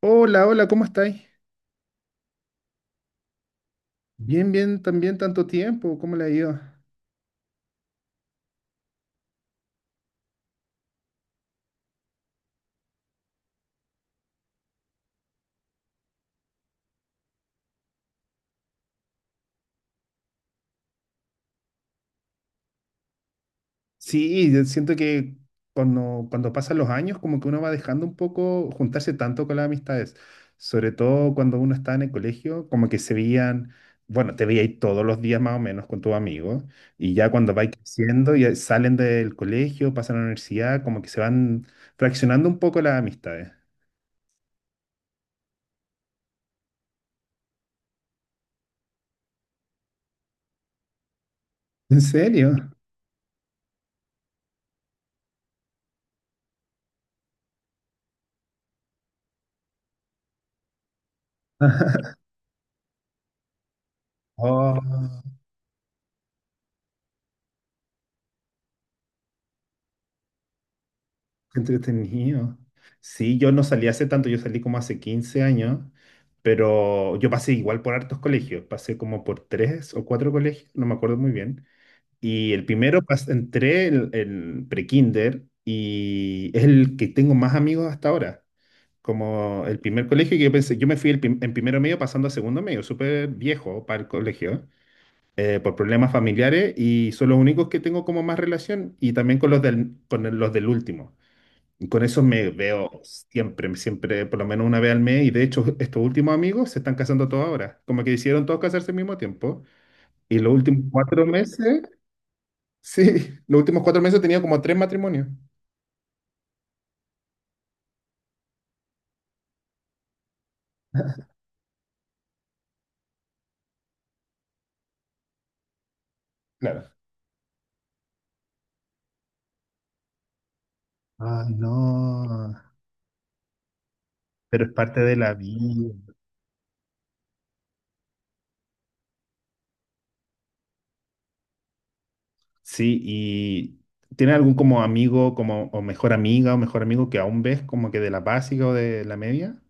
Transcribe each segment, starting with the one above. Hola, hola, ¿cómo estáis? Bien, bien, también tanto tiempo, ¿cómo le ha ido? Sí, yo siento que cuando pasan los años, como que uno va dejando un poco juntarse tanto con las amistades, sobre todo cuando uno está en el colegio, como que se veían, bueno, te veías todos los días más o menos con tus amigos, y ya cuando vais creciendo, ya salen del colegio, pasan a la universidad, como que se van fraccionando un poco las amistades. ¿En serio? Oh. Qué entretenido. Sí, yo no salí hace tanto, yo salí como hace 15 años, pero yo pasé igual por hartos colegios, pasé como por tres o cuatro colegios, no me acuerdo muy bien. Y el primero entré el pre-kinder y es el que tengo más amigos hasta ahora. Como el primer colegio que yo pensé, yo me fui en primero medio pasando a segundo medio, súper viejo para el colegio, por problemas familiares y son los únicos que tengo como más relación y también con los del, los del último. Y con eso me veo siempre, siempre, por lo menos una vez al mes. Y de hecho, estos últimos amigos se están casando todos ahora. Como que hicieron todos casarse al mismo tiempo. Y los últimos 4 meses, sí, los últimos 4 meses he tenido como tres matrimonios. Claro. Ay, no. Pero es parte de la vida. Sí, y ¿tienes algún como amigo, como, o mejor amiga, o mejor amigo que aún ves como que de la básica o de la media?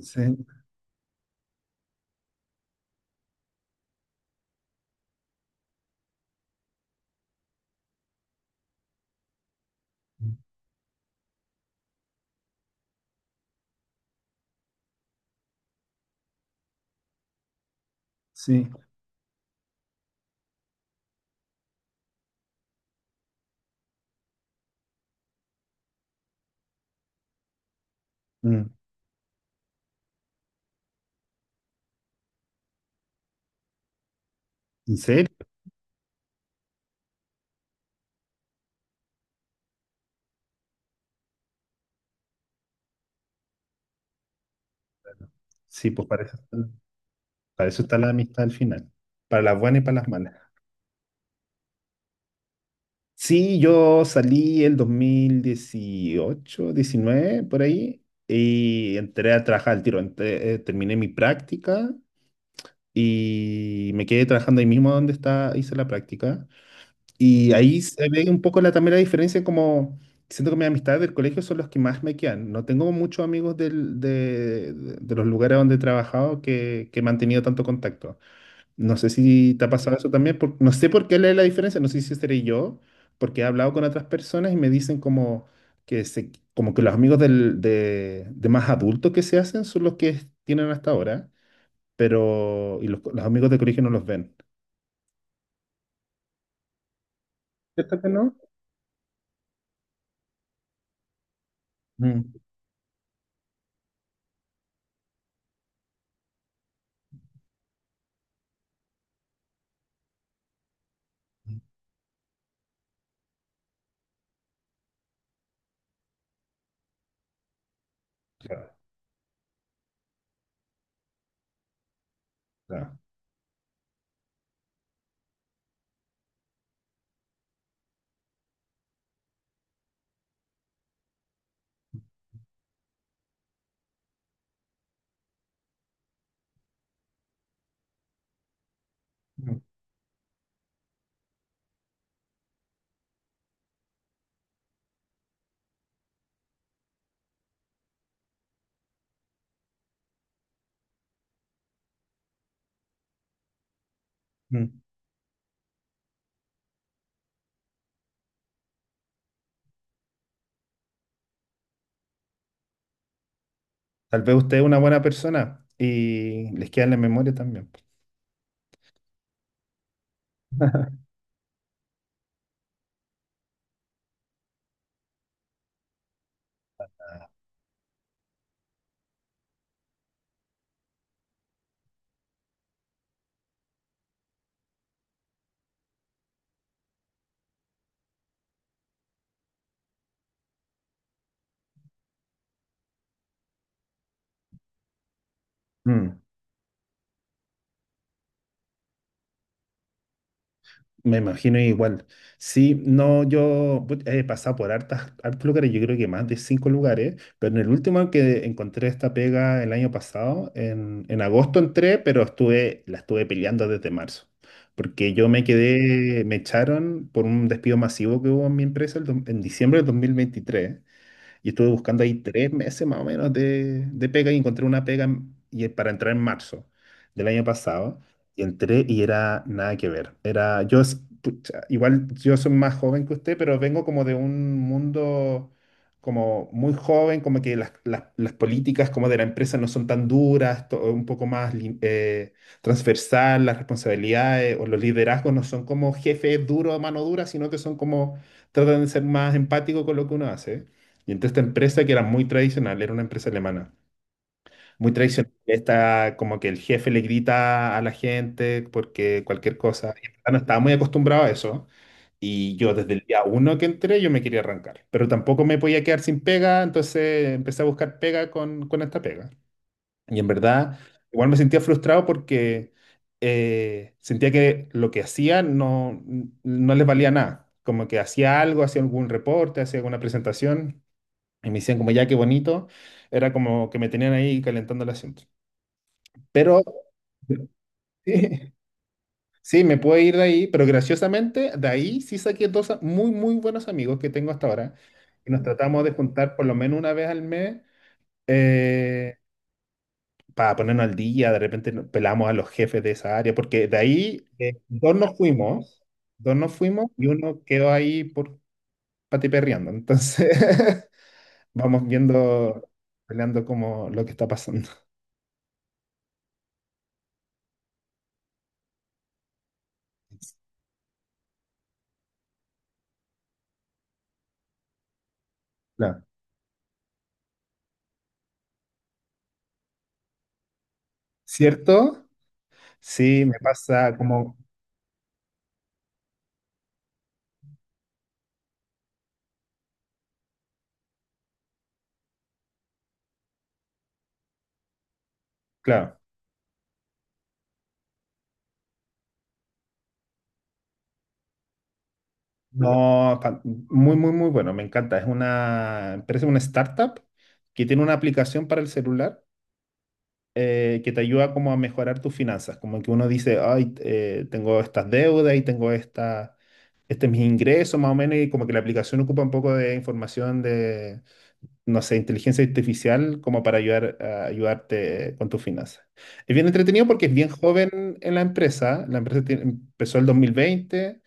Sí, sí. Mm. ¿En serio? Sí, pues parece. Para eso está la amistad al final, para las buenas y para las malas. Sí, yo salí el 2018, 19 por ahí, y entré a trabajar al tiro. Terminé mi práctica y me quedé trabajando ahí mismo donde está, hice la práctica. Y ahí se ve un poco la, también la diferencia, como siento que mis amistades del colegio son los que más me quedan. No tengo muchos amigos de los lugares donde he trabajado que he mantenido tanto contacto. No sé si te ha pasado eso también, no sé por qué leer la diferencia, no sé si seré yo, porque he hablado con otras personas y me dicen como que los amigos de más adultos que se hacen son los que tienen hasta ahora, pero y los amigos de colegio no los ven. ¿Cierto que no? Mm, claro, claro. Mm, mm. Tal vez usted es una buena persona y les queda en la memoria también. Mm. Me imagino igual. Sí, no, he pasado por hartos lugares, yo creo que más de cinco lugares, pero en el último que encontré esta pega el año pasado, en agosto entré, pero la estuve peleando desde marzo, porque yo me quedé, me echaron por un despido masivo que hubo en mi empresa en diciembre del 2023. Y estuve buscando ahí 3 meses más o menos de pega y encontré una pega y es para entrar en marzo del año pasado. Y entré y era nada que ver. Pucha, igual yo soy más joven que usted, pero vengo como de un mundo como muy joven, como que las políticas como de la empresa no son tan duras, un poco más transversal, las responsabilidades o los liderazgos no son como jefes duros, mano dura, sino que son como, tratan de ser más empáticos con lo que uno hace. Y entonces esta empresa que era muy tradicional, era una empresa alemana, muy tradicional, está como que el jefe le grita a la gente porque cualquier cosa, y en verdad no estaba muy acostumbrado a eso. Y yo desde el día uno que entré, yo me quería arrancar, pero tampoco me podía quedar sin pega, entonces empecé a buscar pega con esta pega. Y en verdad, igual me sentía frustrado porque sentía que lo que hacía no, no les valía nada. Como que hacía algo, hacía algún reporte, hacía alguna presentación y me decían como, ya, qué bonito. Era como que me tenían ahí calentando el asiento. Pero sí, sí, me puedo ir de ahí, pero graciosamente, de ahí sí saqué dos muy, muy buenos amigos que tengo hasta ahora. Y nos tratamos de juntar por lo menos una vez al mes eh, para ponernos al día. De repente nos pelamos a los jefes de esa área, porque de ahí dos nos fuimos y uno quedó ahí por patiperreando. Entonces, vamos viendo, peleando como lo que está pasando. Claro. ¿Cierto? Sí, me pasa como, claro, no, muy, muy, muy bueno, me encanta. Es una empresa, una startup que tiene una aplicación para el celular que te ayuda como a mejorar tus finanzas. Como que uno dice, ay, tengo estas deudas y tengo este es mi ingreso más o menos y como que la aplicación ocupa un poco de información no sé, inteligencia artificial como para ayudar a ayudarte con tus finanzas. Es bien entretenido porque es bien joven en la empresa. La empresa empezó el 2020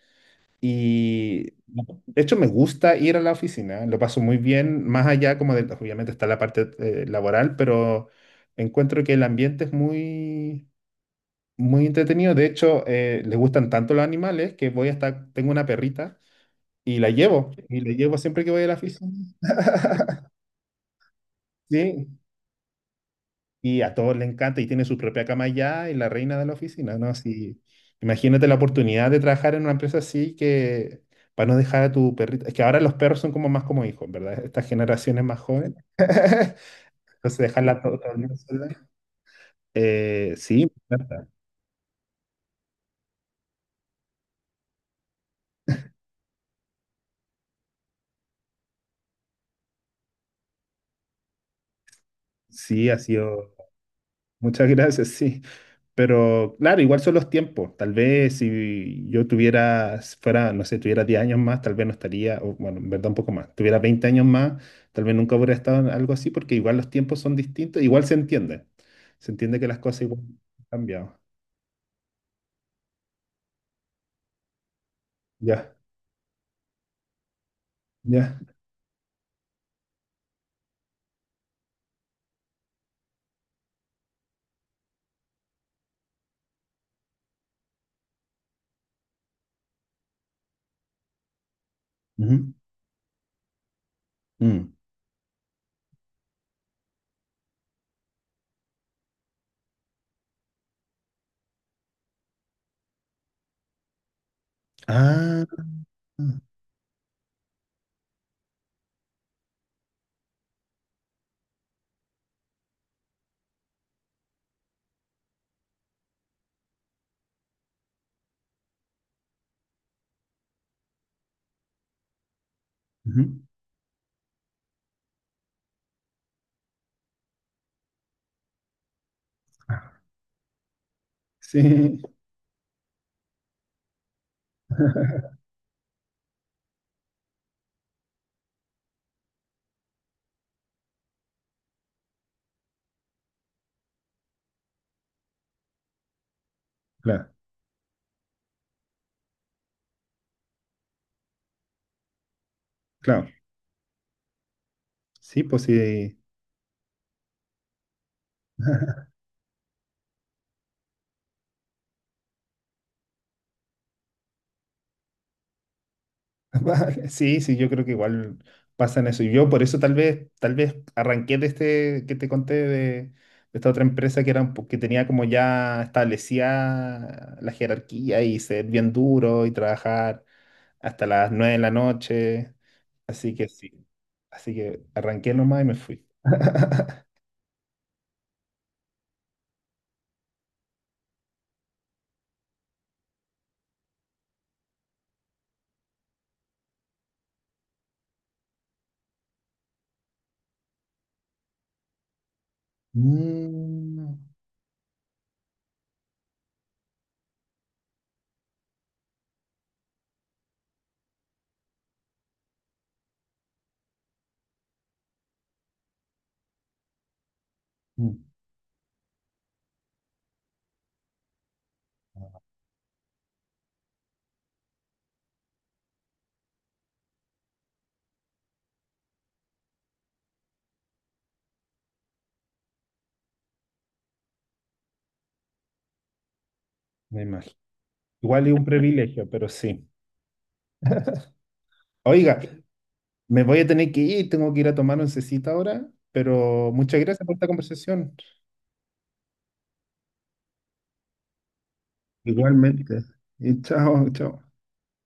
y bueno, de hecho me gusta ir a la oficina, lo paso muy bien, más allá como de, obviamente está la parte laboral, pero encuentro que el ambiente es muy, muy entretenido. De hecho, les gustan tanto los animales que voy hasta, tengo una perrita y la llevo siempre que voy a la oficina. Sí, y a todos les encanta y tiene su propia cama ya y la reina de la oficina, ¿no? Así, imagínate la oportunidad de trabajar en una empresa así que para no dejar a tu perrito. Es que ahora los perros son como más como hijos, ¿verdad? Estas generaciones más jóvenes. Entonces, dejarla todo, todo el día sola. Sí, me encanta. Sí, ha sido. Muchas gracias, sí. Pero claro, igual son los tiempos. Tal vez si yo tuviera, si fuera, no sé, tuviera 10 años más, tal vez no estaría, o, bueno, en verdad un poco más, tuviera 20 años más, tal vez nunca hubiera estado en algo así, porque igual los tiempos son distintos, igual se entiende. Se entiende que las cosas igual han cambiado. Ya, ya. Ujú, mm. Ah, ujú. Ah, sí, claro, claro. Sí, pues sí. Vale, sí, sí, yo creo que igual pasa en eso. Y yo por eso tal vez arranqué de este que te conté de esta otra empresa que era que tenía como ya establecía la jerarquía y ser bien duro y trabajar hasta las 9 de la noche. Así que sí. Así que arranqué nomás y me fui. Mm, mm, me imagino. Igual es un privilegio, pero sí. Oiga, me voy a tener que ir, tengo que ir a tomar oncecita ahora, pero muchas gracias por esta conversación. Igualmente. Y chao, chao.